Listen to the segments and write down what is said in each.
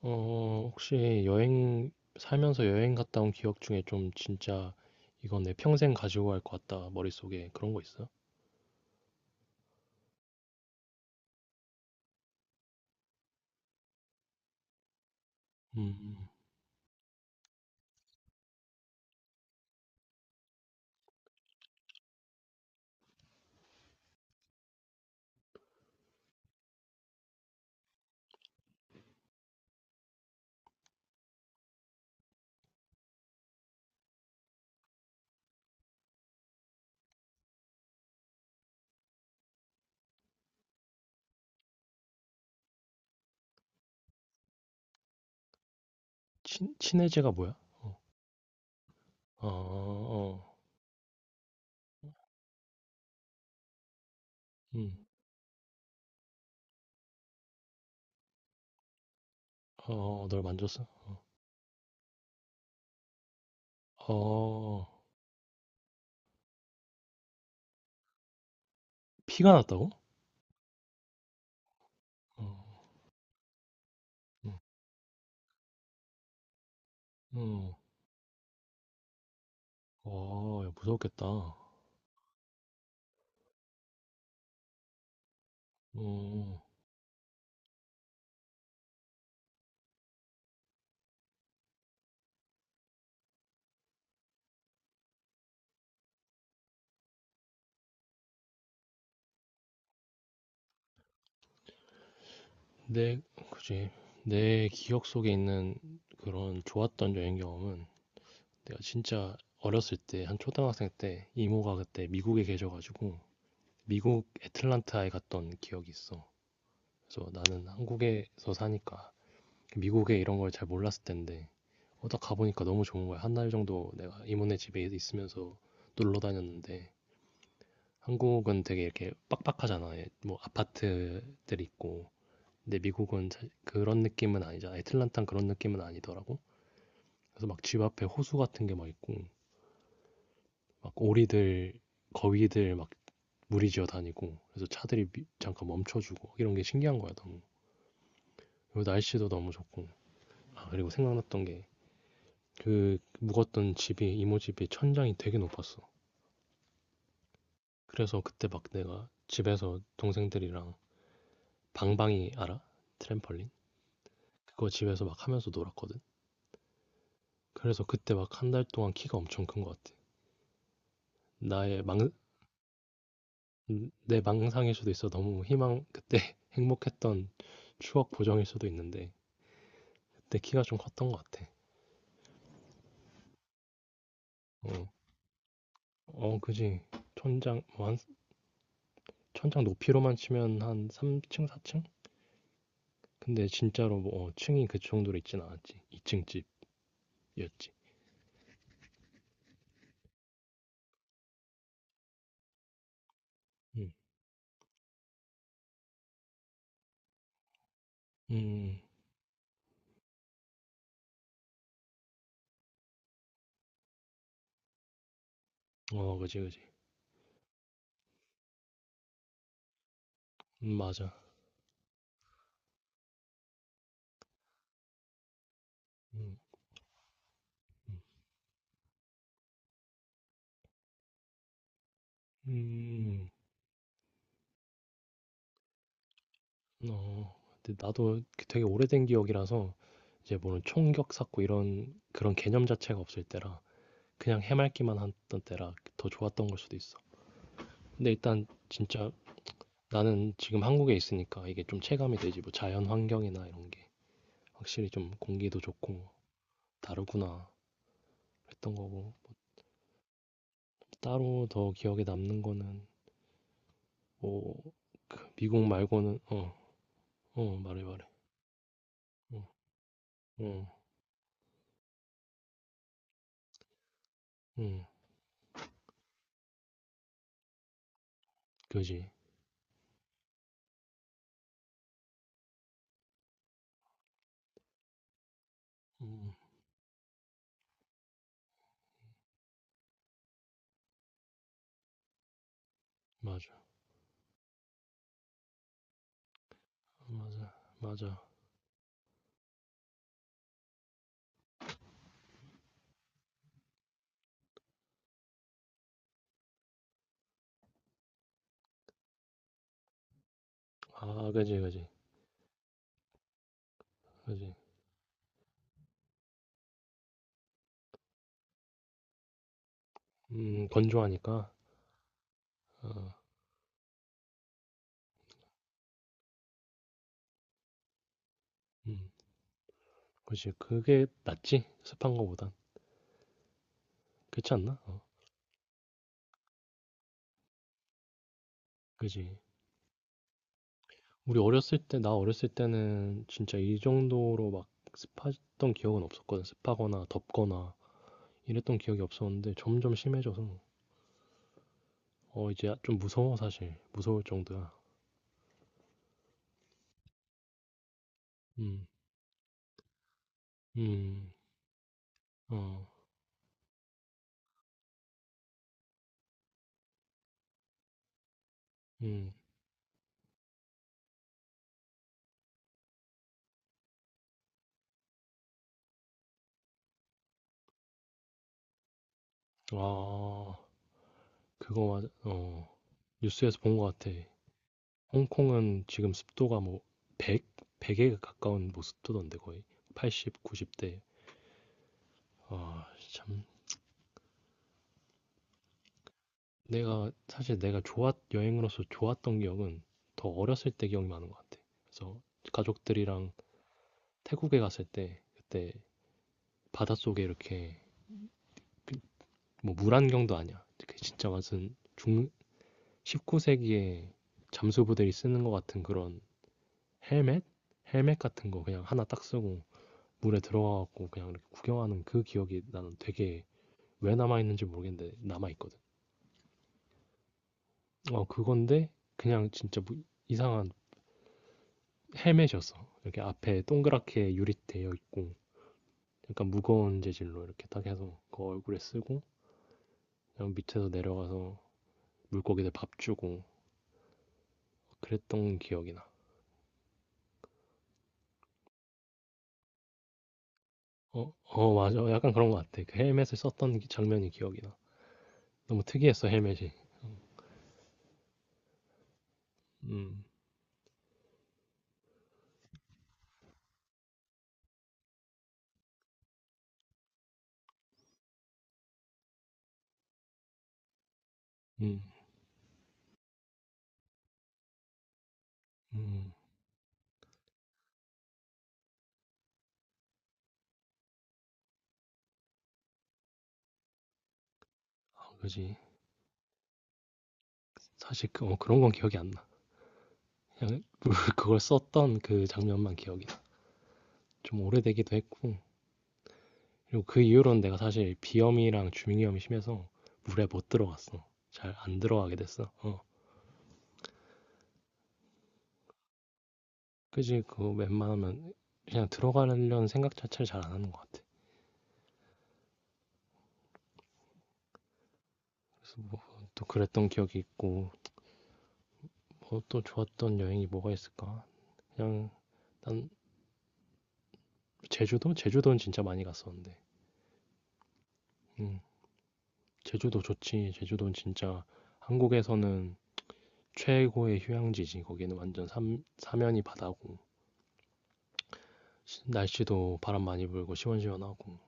혹시 살면서 여행 갔다 온 기억 중에 좀 진짜 이건 내 평생 가지고 갈 것 같다. 머릿속에 그런 거 있어? 음, 음. 친해제가 뭐야? 어, 어, 어, 어. 음, 어, 어, 어, 널 만졌어? 어, 어, 어. 피가 났다고? 어, 음, 음, 와, 야, 무섭겠다. 어, 어. 내, 그지. 내 기억 속에 있는 그런 좋았던 여행 경험은 내가 진짜 어렸을 때, 한 초등학생 때, 이모가 그때 미국에 계셔가지고, 미국 애틀란타에 갔던 기억이 있어. 그래서 나는 한국에서 사니까, 미국에 이런 걸 잘 몰랐을 텐데, 딱 가보니까 너무 좋은 거야. 한 달 정도 내가 이모네 집에 있으면서 놀러 다녔는데, 한국은 되게 이렇게 빡빡하잖아. 예, 뭐 아파트들 있고. 근데 미국은 그런 느낌은 아니잖아. 애틀란타는 그런 느낌은 아니더라고. 그래서 막 집 앞에 호수 같은 게 막 있고, 막 오리들, 거위들 막 무리지어 다니고 그래서 차들이 잠깐 멈춰주고 이런 게 신기한 거야 너무. 그리고 날씨도 너무 좋고, 아, 그리고 생각났던 게 그 묵었던 집이, 이모 집이 천장이 되게 높았어. 그래서 그때 막 내가 집에서 동생들이랑 방방이 알아? 트램펄린? 그거 집에서 막 하면서 놀았거든. 그래서 그때 막 한 달 동안 키가 엄청 큰 것 같아. 나의 망, 내 망상일 수도 있어. 너무 희망 그때 행복했던 추억 보정일 수도 있는데 그때 키가 좀 컸던 것 같아. 어. 어, 그지. 뭐 한, 천장 높이로만 치면 한 3층, 4층? 근데 진짜로 뭐, 층이 그 정도로 있진 않았지. 2층 집이었지. 음, 음, 어, 그지, 그지. 맞아. 음, 음, 어. 근데 나도 되게 오래된 기억이라서, 이제 뭐는 총격 샀고 이런, 그런 개념 자체가 없을 때라, 그냥 해맑기만 했던 때라 더 좋았던 걸 수도 있어. 근데 일단, 진짜, 나는 지금 한국에 있으니까 이게 좀 체감이 되지. 뭐 자연 환경이나 이런 게. 확실히 좀 공기도 좋고 다르구나 했던 거고. 따로 더 기억에 남는 거는 뭐그 미국 말고는, 어. 어, 말해 말해. 어어응. 음, 그지. 음, 맞아. 맞아, 맞아. 아, 그지, 그지. 그지. 음, 건조하니까. 어음, 그지. 그게 낫지, 습한 거보단. 그렇지 않나? 어, 그지. 우리 어렸을 때 나 어렸을 때는 진짜 이 정도로 막 습했던 기억은 없었거든. 습하거나 덥거나 이랬던 기억이 없었는데 점점 심해져서 어, 이제 좀 무서워 사실. 무서울 정도야. 음. 음. 어. 음. 아. 그거 맞아. 어. 뉴스에서 본 것 같아. 홍콩은 지금 습도가 뭐 100? 100에 가까운 뭐 습도던데, 거의. 80, 90대. 아, 참. 내가 사실 내가 좋았 여행으로서 좋았던 기억은 더 어렸을 때 기억이 많은 것 같아. 그래서 가족들이랑 태국에 갔을 때 그때, 바닷속에 이렇게 그 뭐, 물안경도 아니야. 그 진짜 무슨 중 19세기에 잠수부대이 쓰는 것 같은 그런 헬멧? 헬멧 같은 거 그냥 하나 딱 쓰고 물에 들어가갖고 그냥 이렇게 구경하는 그 기억이, 나는 되게 왜 남아있는지 모르겠는데 남아있거든. 어, 그건데 그냥 진짜 뭐 이상한 헬멧이었어. 이렇게 앞에 동그랗게 유리되어 있고 약간 무거운 재질로 이렇게 딱 해서 그 얼굴에 쓰고, 그냥 밑에서 내려가서 물고기들 밥 주고 그랬던 기억이 나. 어, 어, 맞아. 약간 그런 것 같아. 그 헬멧을 썼던 장면이 기억이 나. 너무 특이했어, 헬멧이. 음, 음, 음, 아, 그지. 사실 그런 건 기억이 안 나. 그냥 그걸 썼던 그 장면만 기억이 나. 좀 오래되기도 했고. 그리고 그 이후로는 내가 사실 비염이랑 주민염이 심해서 물에 못 들어갔어. 잘 안 들어가게 됐어. 어, 그지. 그거 웬만하면 그냥 들어가려는 생각 자체를 잘 안 하는 것 같아. 또 그랬던 기억이 있고. 뭐 또 좋았던 여행이 뭐가 있을까? 그냥, 난 제주도? 제주도는 진짜 많이 갔었는데. 음, 제주도 좋지. 제주도는 진짜 한국에서는 최고의 휴양지지. 거기는 완전 사면이 바다고 날씨도 바람 많이 불고 시원시원하고.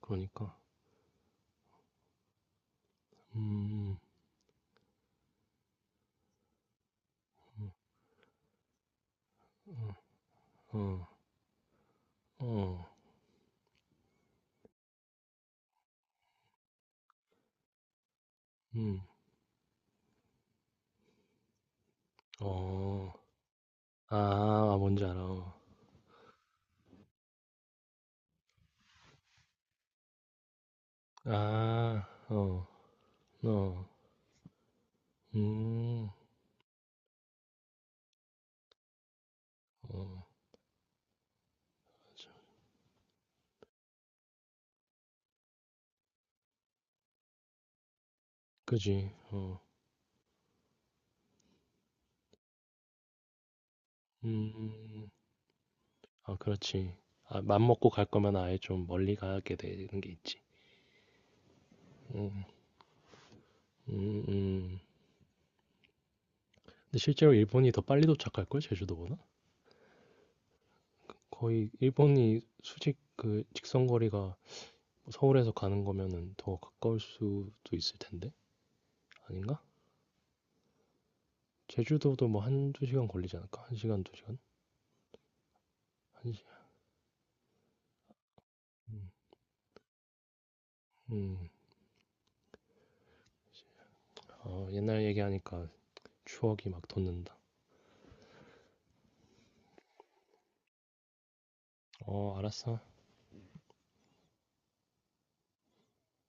그러니까 음, 어, 어, 음, 어, 아, 아, 뭔지 알아. 아, 어, 어, 음, 어, 그지, 어, 음. 아, 그렇지. 아, 맘먹고 갈 거면 아예 좀 멀리 가게 되는 게 있지. 음, 음. 근데 실제로 일본이 더 빨리 도착할걸, 제주도보다? 거의 일본이 수직 그 직선 거리가 서울에서 가는 거면은 더 가까울 수도 있을 텐데? 아닌가? 제주도도 뭐 한두 시간 걸리지 않을까? 한 시간, 두 시간? 한 시간. 음, 음. 어, 옛날 얘기하니까 추억이 막 돋는다. 어, 알았어.